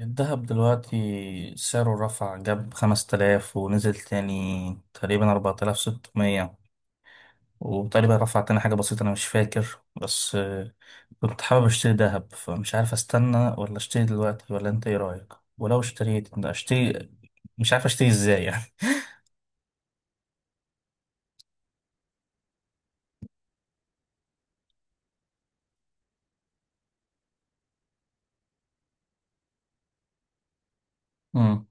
الذهب دلوقتي سعره رفع جاب 5000 ونزل تاني، تقريبا 4600. وتقريبا رفع تاني حاجة بسيطة، أنا مش فاكر، بس كنت حابب أشتري دهب، فمش عارف أستنى ولا أشتري دلوقتي ولا أنت إيه رأيك؟ ولو اشتريت ده أشتري، مش عارف أشتري إزاي يعني. مم.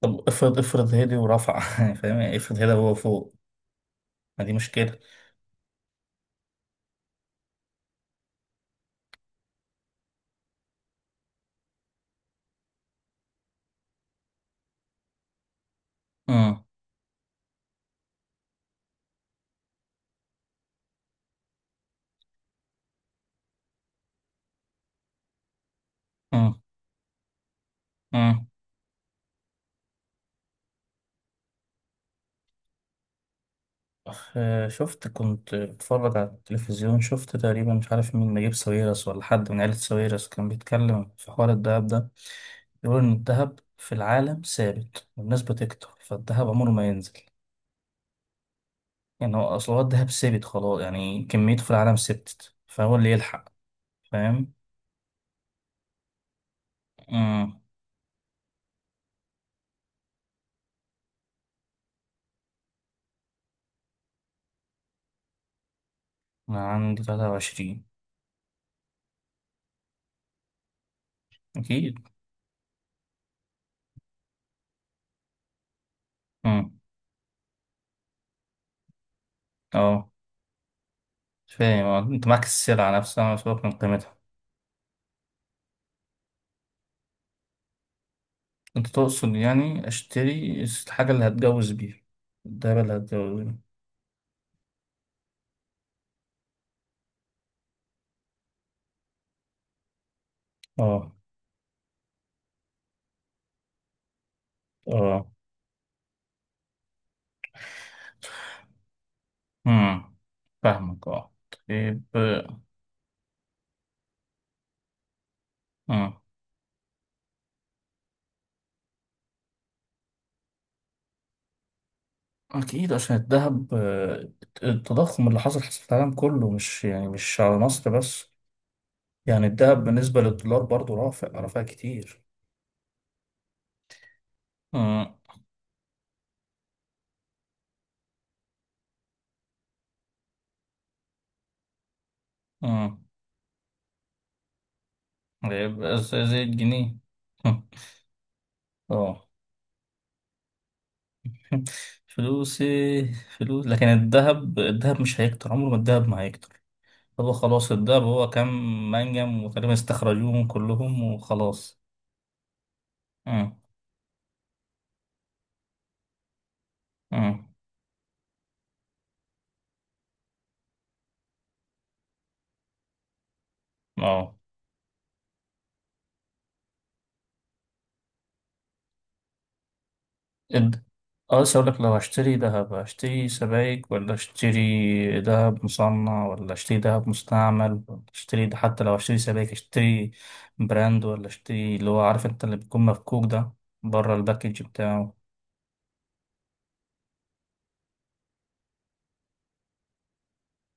طب افرض افرض هدي ورفع يعني فاهم يعني؟ افرض هدي هو فوق، ما دي مشكلة. مم. مم. مم. شفت كنت بتفرج على التلفزيون، شفت تقريبا مش عارف مين، نجيب ساويرس ولا حد من عيلة ساويرس كان بيتكلم في حوار الدهب ده، بيقول إن الدهب في العالم ثابت والناس بتكتر فالدهب عمره ما ينزل. يعني هو أصل هو الدهب ثابت خلاص، يعني كميته في العالم ثبتت فهو اللي يلحق. فاهم؟ أمم. أنا عندي 23. أكيد. أمم. أه. فاهم، أنت معاك السلعة نفسها، مسؤول من قيمتها. انت تقصد يعني اشتري الحاجة اللي هتجوز بيها، الدهب اللي هتجوز بيها. اه. اه. امم، فاهمك. اه. طيب. امم. اكيد عشان الذهب، التضخم اللي حصل حصل في العالم كله، مش يعني مش على مصر بس. يعني الذهب بالنسبة للدولار برضو رافع رافع كتير. امم. امم. يبقى زي الجنيه. اه. فلوسي، فلوس. لكن الذهب، مش هيكتر، عمره ما الذهب ما هيكتر. هو خلاص اتضرب، هو كام منجم وتقريبا استخرجوهم كلهم وخلاص. امم. امم. اه. اد اه، لسه اقول لك، لو هشتري دهب هشتري سبائك ولا اشتري دهب مصنع ولا اشتري دهب مستعمل ولا اشتري ده؟ حتى لو هشتري سبائك، اشتري براند ولا اشتري اللي هو، عارف انت اللي بيكون مفكوك ده بره الباكج بتاعه.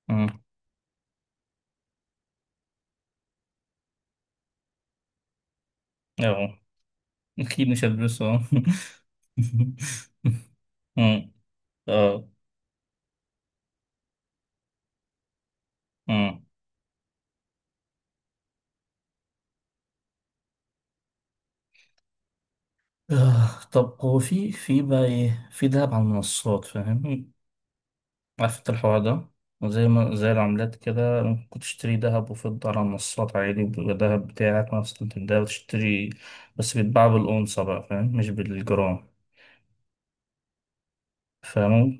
امم. اه. اكيد مش هلبسه. أمم. اه. أمم. آه، طب هو في بقى ايه، في دهب على المنصات؟ فاهم؟ عارف انت الحوار ده، زي ما زي العملات كده، ممكن تشتري دهب وفضة على المنصات عادي، وبيبقى دهب بتاعك نفس قيمة الدهب تشتري، بس بيتباع بالأونصة بقى، فاهم؟ مش بالجرام. فاهم.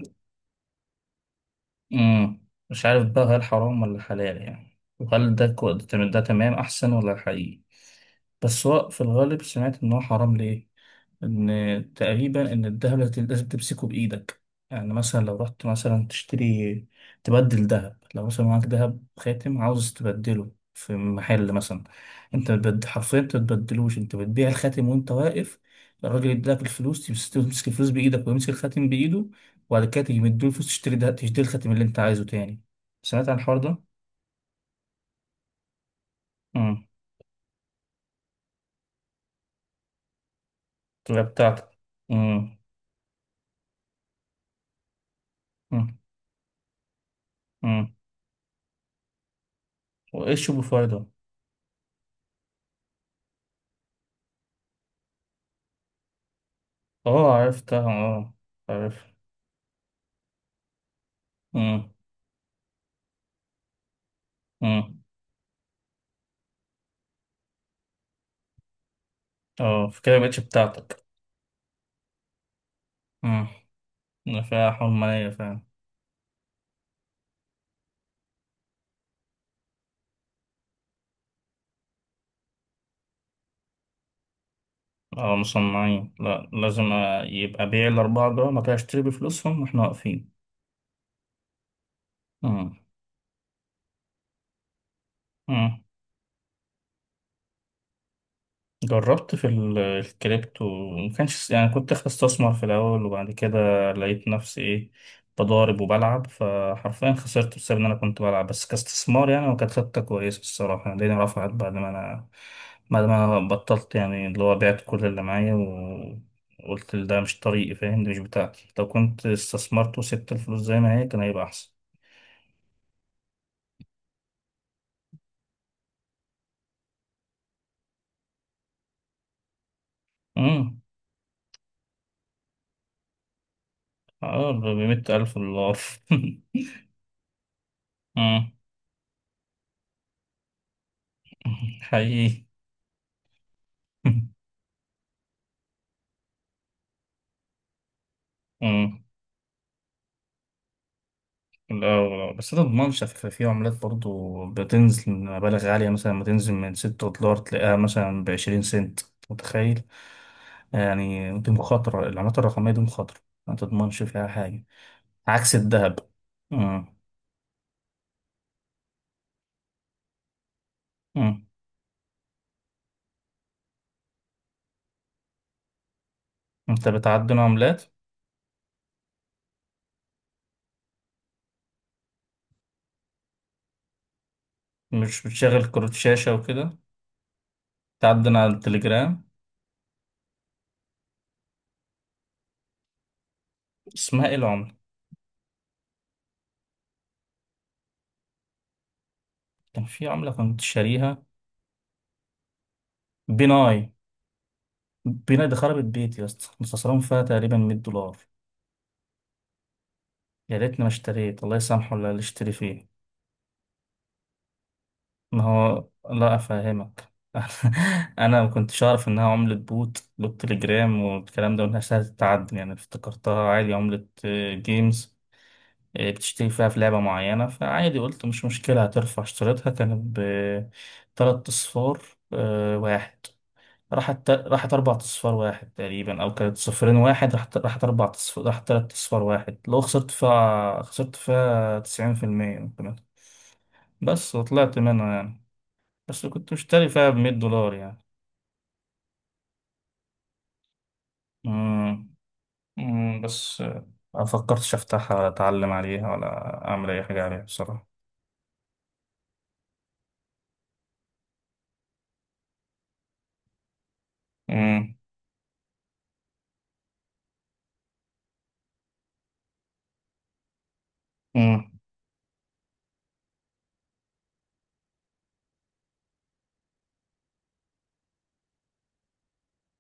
مم. مش عارف بقى، هل حرام ولا حلال يعني؟ وهل ده ده تمام، ده تمام أحسن ولا حقيقي؟ بس هو في الغالب سمعت إن هو حرام، ليه؟ ان تقريبا ان الذهب لازم لازم تمسكه بايدك. يعني مثلا لو رحت مثلا تشتري، تبدل ذهب، لو مثلا معاك ذهب خاتم عاوز تبدله في محل مثلا، انت حرفيا انت بتبدلوش، انت بتبيع الخاتم وانت واقف، الراجل يديلك الفلوس، تمسك الفلوس بايدك ويمسك الخاتم بايده، وبعد كده تيجي مديله الفلوس تشتري الخاتم اللي انت عايزه تاني. سمعت عن الحوار ده؟ امم. تبقى بتاعتك. امم. امم. امم. وايش بفايده. اه عرفتها. اه، عارف. امم. امم. اه، فكده مبقتش بتاعتك. امم، فيها حرمانية فعلا. اه مصنعين، لا لازم، يبقى بيع الأربعة دول ما كانش، اشتري بفلوسهم واحنا واقفين. امم. جربت في الكريبتو، ما كانش يعني كنت داخل استثمر في الأول، وبعد كده لقيت نفسي إيه، بضارب وبلعب، فحرفيا خسرت بسبب إن أنا كنت بلعب بس كاستثمار يعني. وكانت خطة كويسة الصراحة يعني، الدنيا رفعت بعد ما أنا بطلت، يعني اللي هو بعت كل اللي معايا. وقلت ده مش طريقي، فاهم؟ دي مش بتاعتي، لو كنت استثمرت وسبت الفلوس زي ما هي كان هيبقى أحسن. امم. اه ب 100,000 دولار. امم. حقيقي. امم. لا بس ده ضمانش، في عملات برضو بتنزل مبالغ عالية، مثلا ما تنزل من 6 دولار، تلاقيها مثلا ب20 سنت. متخيل؟ يعني دي مخاطرة، العملات الرقمية دي مخاطرة، ما تضمنش فيها حاجة، عكس الذهب. مم. مم. انت بتعدن عملات؟ مش بتشغل كروت شاشة وكده؟ تعدن على التليجرام؟ اسمها ايه العملة؟ كان في عملة كنت شاريها. بيناي. بيناي دي خربت بيتي يا اسطى، كنت خسران فيها تقريبا 100 دولار. يا ريتني ما اشتريت، الله يسامحه اللي اشتري فيه. ما هو لا أفهمك. أنا ما كنتش أعرف إنها عملة بوت بالتليجرام والكلام ده، وإنها سهلة التعدن. يعني افتكرتها عادي عملة، جيمز، بتشتري فيها في لعبة معينة، فعادي قلت مش مشكلة هترفع. اشتريتها كانت بتلات أصفار واحد. راحت أربع أصفار واحد تقريبا، أو كانت صفرين واحد، راحت أربع أصفار، راحت تلات أصفار واحد. لو خسرت فيها، خسرت فيها 90% كمان. بس وطلعت منها يعني. بس كنت مشتري فيها ب100 دولار يعني. مم. مم. بس ما فكرتش أفتحها ولا أتعلم عليها ولا أعمل أي حاجة عليها بصراحة. مم. مم.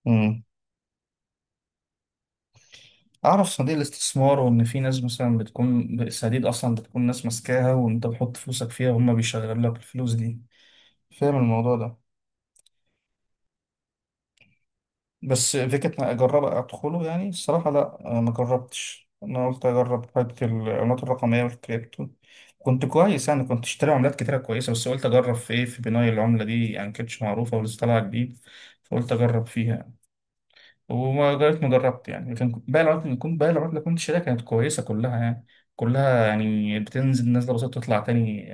مم. أعرف صناديق الاستثمار، وإن في ناس مثلا بتكون الصناديق أصلا بتكون ناس ماسكاها وأنت بتحط فلوسك فيها وهم بيشغلوا لك الفلوس دي. فاهم الموضوع ده. بس فكرة إن أجرب أدخله يعني الصراحة لأ، أنا ما جربتش، أنا قلت أجرب حتة العملات الرقمية والكريبتو. كنت كويس يعني، كنت اشتري عملات كتيرة كويسة، بس قلت أجرب في إيه، في بناء العملة دي يعني، كانتش معروفة ولسه طالعة جديد، فقلت أجرب فيها يعني. وما جربت ما جربت يعني. لكن باقي العملات اللي كنت شاريها كانت كويسة كلها يعني. كلها يعني بتنزل نزلة بسيطة، تطلع تاني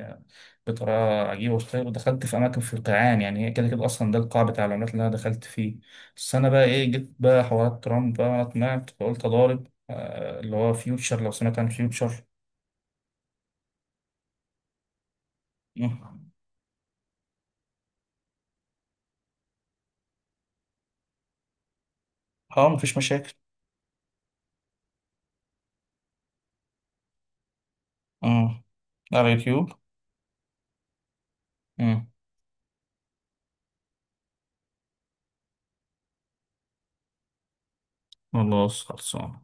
بطريقة عجيبة وستايل، ودخلت في أماكن في القيعان يعني، هي كده كده أصلا ده القاع بتاع العملات اللي أنا دخلت فيه. بس أنا بقى إيه، جيت بقى حوارات ترامب بقى، أنا طمعت فقلت أضارب، اللي هو فيوتشر، لو سمعت عن فيوتشر. مم. أه مفيش مشاكل. أه، على اليوتيوب. أه، خلاص خلصان.